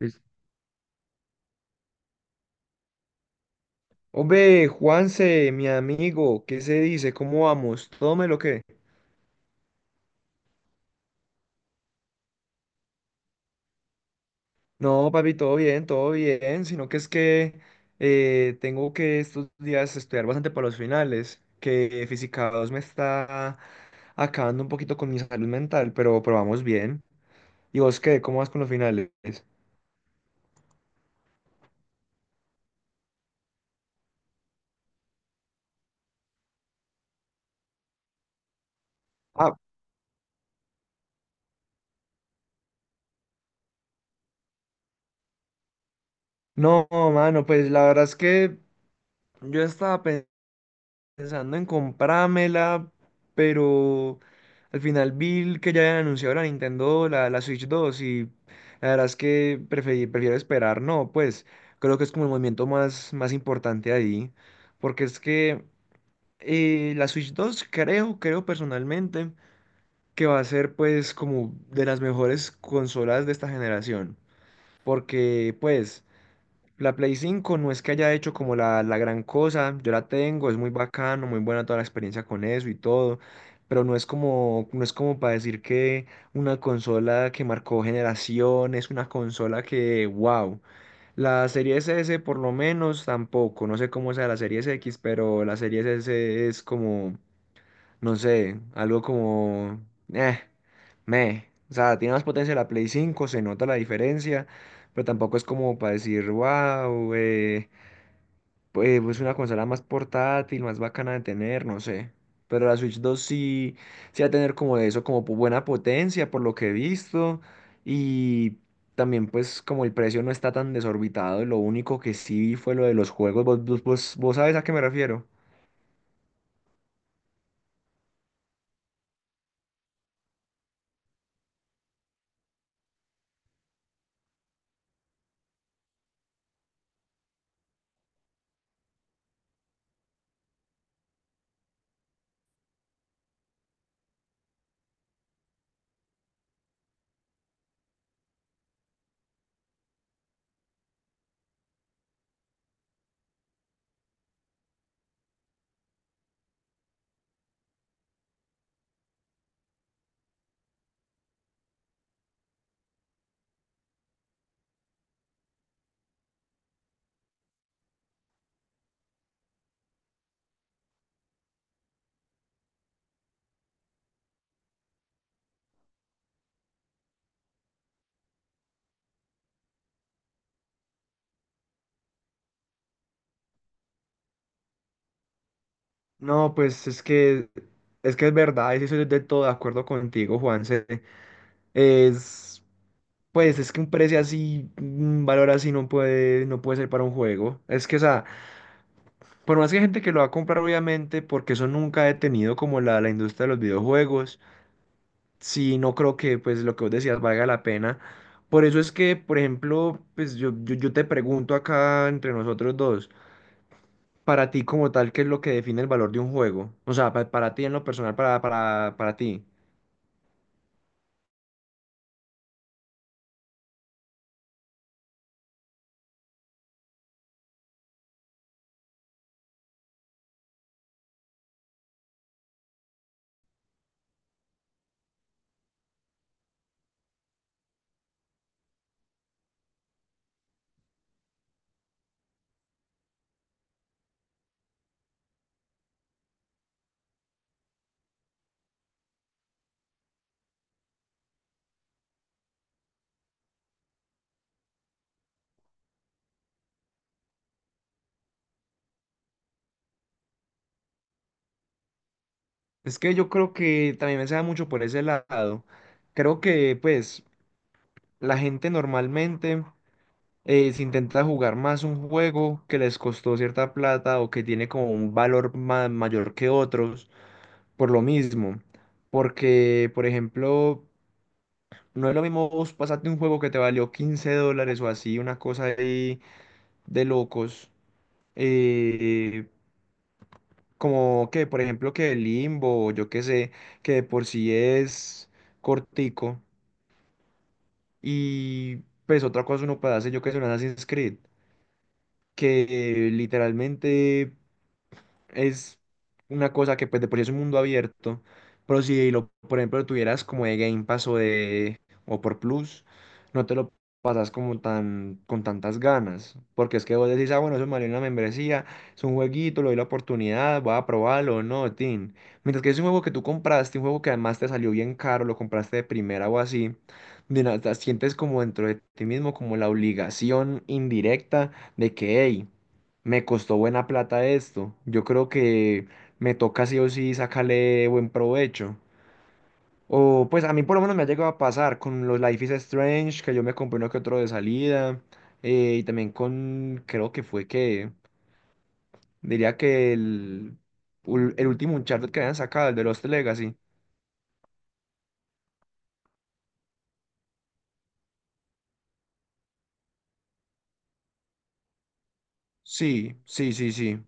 Listo. Hombre, Juanse, mi amigo, ¿qué se dice? ¿Cómo vamos? ¿Todo me lo que? No, papi, todo bien, sino que es que tengo que estos días estudiar bastante para los finales, que Física 2 me está acabando un poquito con mi salud mental, pero vamos bien. ¿Y vos qué? ¿Cómo vas con los finales? Ah, no, mano, pues la verdad es que yo estaba pensando en comprármela, pero al final vi que ya habían anunciado la Nintendo, la Switch 2, y la verdad es que prefiero esperar. No, pues creo que es como el movimiento más importante ahí, porque es que la Switch 2 creo personalmente que va a ser pues como de las mejores consolas de esta generación, porque pues... La Play 5 no es que haya hecho como la gran cosa, yo la tengo, es muy bacano, muy buena toda la experiencia con eso y todo, pero no es como para decir que una consola que marcó generaciones, una consola que, wow. La Series S por lo menos tampoco, no sé cómo sea la Series X, pero la Series S es como no sé, algo como... Eh, me. O sea, tiene más potencia la Play cinco, se nota la diferencia, pero tampoco es como para decir, wow, pues es una consola más portátil, más bacana de tener, no sé. Pero la Switch 2 sí, sí va a tener como de eso, como buena potencia, por lo que he visto. Y también pues como el precio no está tan desorbitado, lo único que sí vi fue lo de los juegos. ¿Vos sabes a qué me refiero? No, pues es que es verdad, eso estoy de todo de acuerdo contigo, Juanse. Es pues es que un precio así, un valor así no puede ser para un juego. Es que o sea, por más que hay gente que lo va a comprar obviamente, porque eso nunca ha detenido como la industria de los videojuegos, sí no creo que pues lo que vos decías valga la pena. Por eso es que, por ejemplo, pues yo te pregunto acá entre nosotros dos. Para ti como tal, ¿qué es lo que define el valor de un juego? O sea, para ti en lo personal, para ti. Es que yo creo que también me se da mucho por ese lado. Creo que pues la gente normalmente se intenta jugar más un juego que les costó cierta plata o que tiene como un valor mayor que otros por lo mismo. Porque, por ejemplo, no es lo mismo vos pasarte un juego que te valió 15 dólares o así, una cosa ahí de locos. eh, Como que, por ejemplo, que el Limbo, o yo qué sé, que de por sí es cortico. Y pues otra cosa uno puede hacer, yo que sé, un Assassin's Creed, que literalmente es una cosa que pues de por sí es un mundo abierto, pero si lo, por ejemplo, lo tuvieras como de Game Pass o por Plus, no te lo pasas como tan con tantas ganas, porque es que vos decís, ah, bueno, eso me valió una membresía, es un jueguito, le doy la oportunidad, voy a probarlo, no, tin. Mientras que es un juego que tú compraste, un juego que además te salió bien caro, lo compraste de primera o así, de nada, sientes como dentro de ti mismo como la obligación indirecta de que, hey, me costó buena plata esto. Yo creo que me toca sí o sí sacarle buen provecho. O pues a mí por lo menos me ha llegado a pasar con los Life is Strange, que yo me compré uno que otro de salida. Y también con, creo que fue que, diría que el último Uncharted que habían sacado, el de Lost Legacy. Sí, sí, sí, sí.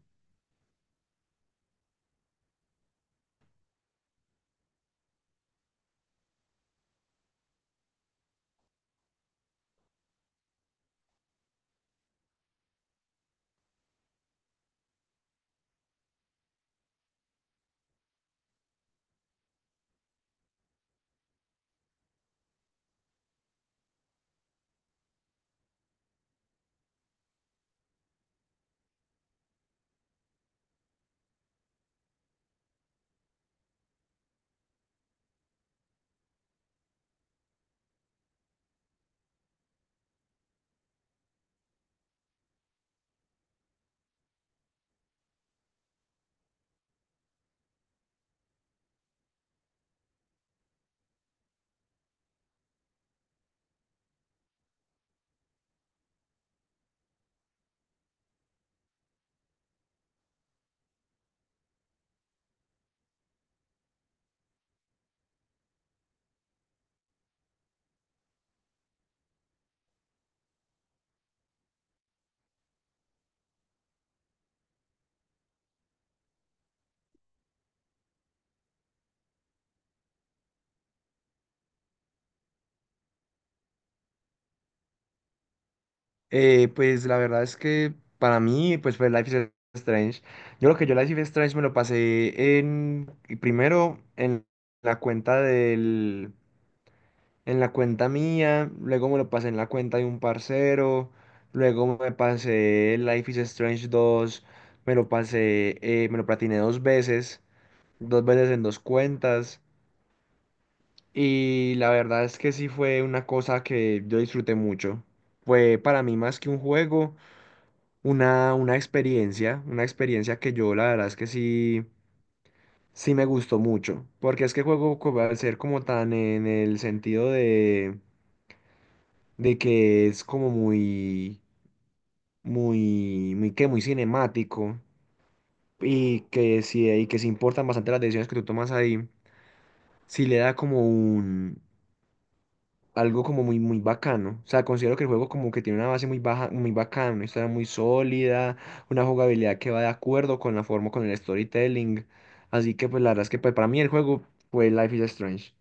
Pues la verdad es que para mí, pues fue Life is Strange. Yo lo que yo Life is Strange me lo pasé en primero en la cuenta del, en la cuenta mía, luego me lo pasé en la cuenta de un parcero, luego me pasé Life is Strange dos, me lo pasé, me lo platiné dos veces en dos cuentas, y la verdad es que sí fue una cosa que yo disfruté mucho. Fue para mí más que un juego. Una, una experiencia que yo la verdad es que sí, sí me gustó mucho, porque es que el juego al ser como tan en el sentido de que es como muy, que muy cinemático y que sí importan bastante las decisiones que tú tomas ahí, sí le da como un, algo como muy, muy bacano. O sea, considero que el juego como que tiene una base muy baja, muy bacana, una historia muy sólida, una jugabilidad que va de acuerdo con la forma, con el storytelling. Así que pues la verdad es que pues, para mí el juego fue Life is Strange.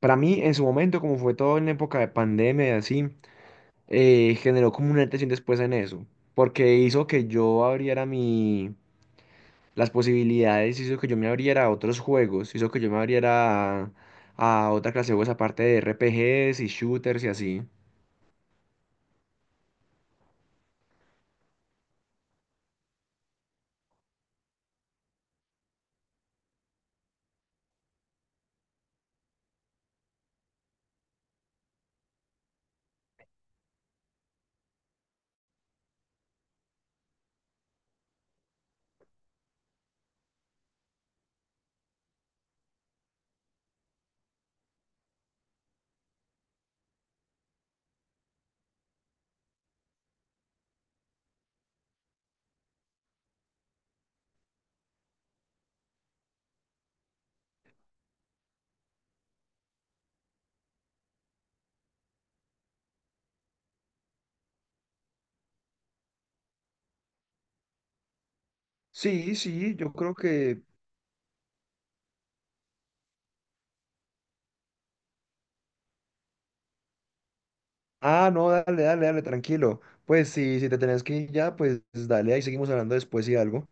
Para mí en su momento, como fue todo en época de pandemia y así, generó como una tensión después en eso, porque hizo que yo abriera mi... las posibilidades, hizo que yo me abriera a otros juegos, hizo que yo me abriera a otra clase de juegos aparte de RPGs y shooters y así. Sí, sí, yo creo que... Ah, no, dale, dale, dale, tranquilo. Pues sí, si te tenés que ir ya, pues dale, ahí seguimos hablando después y algo.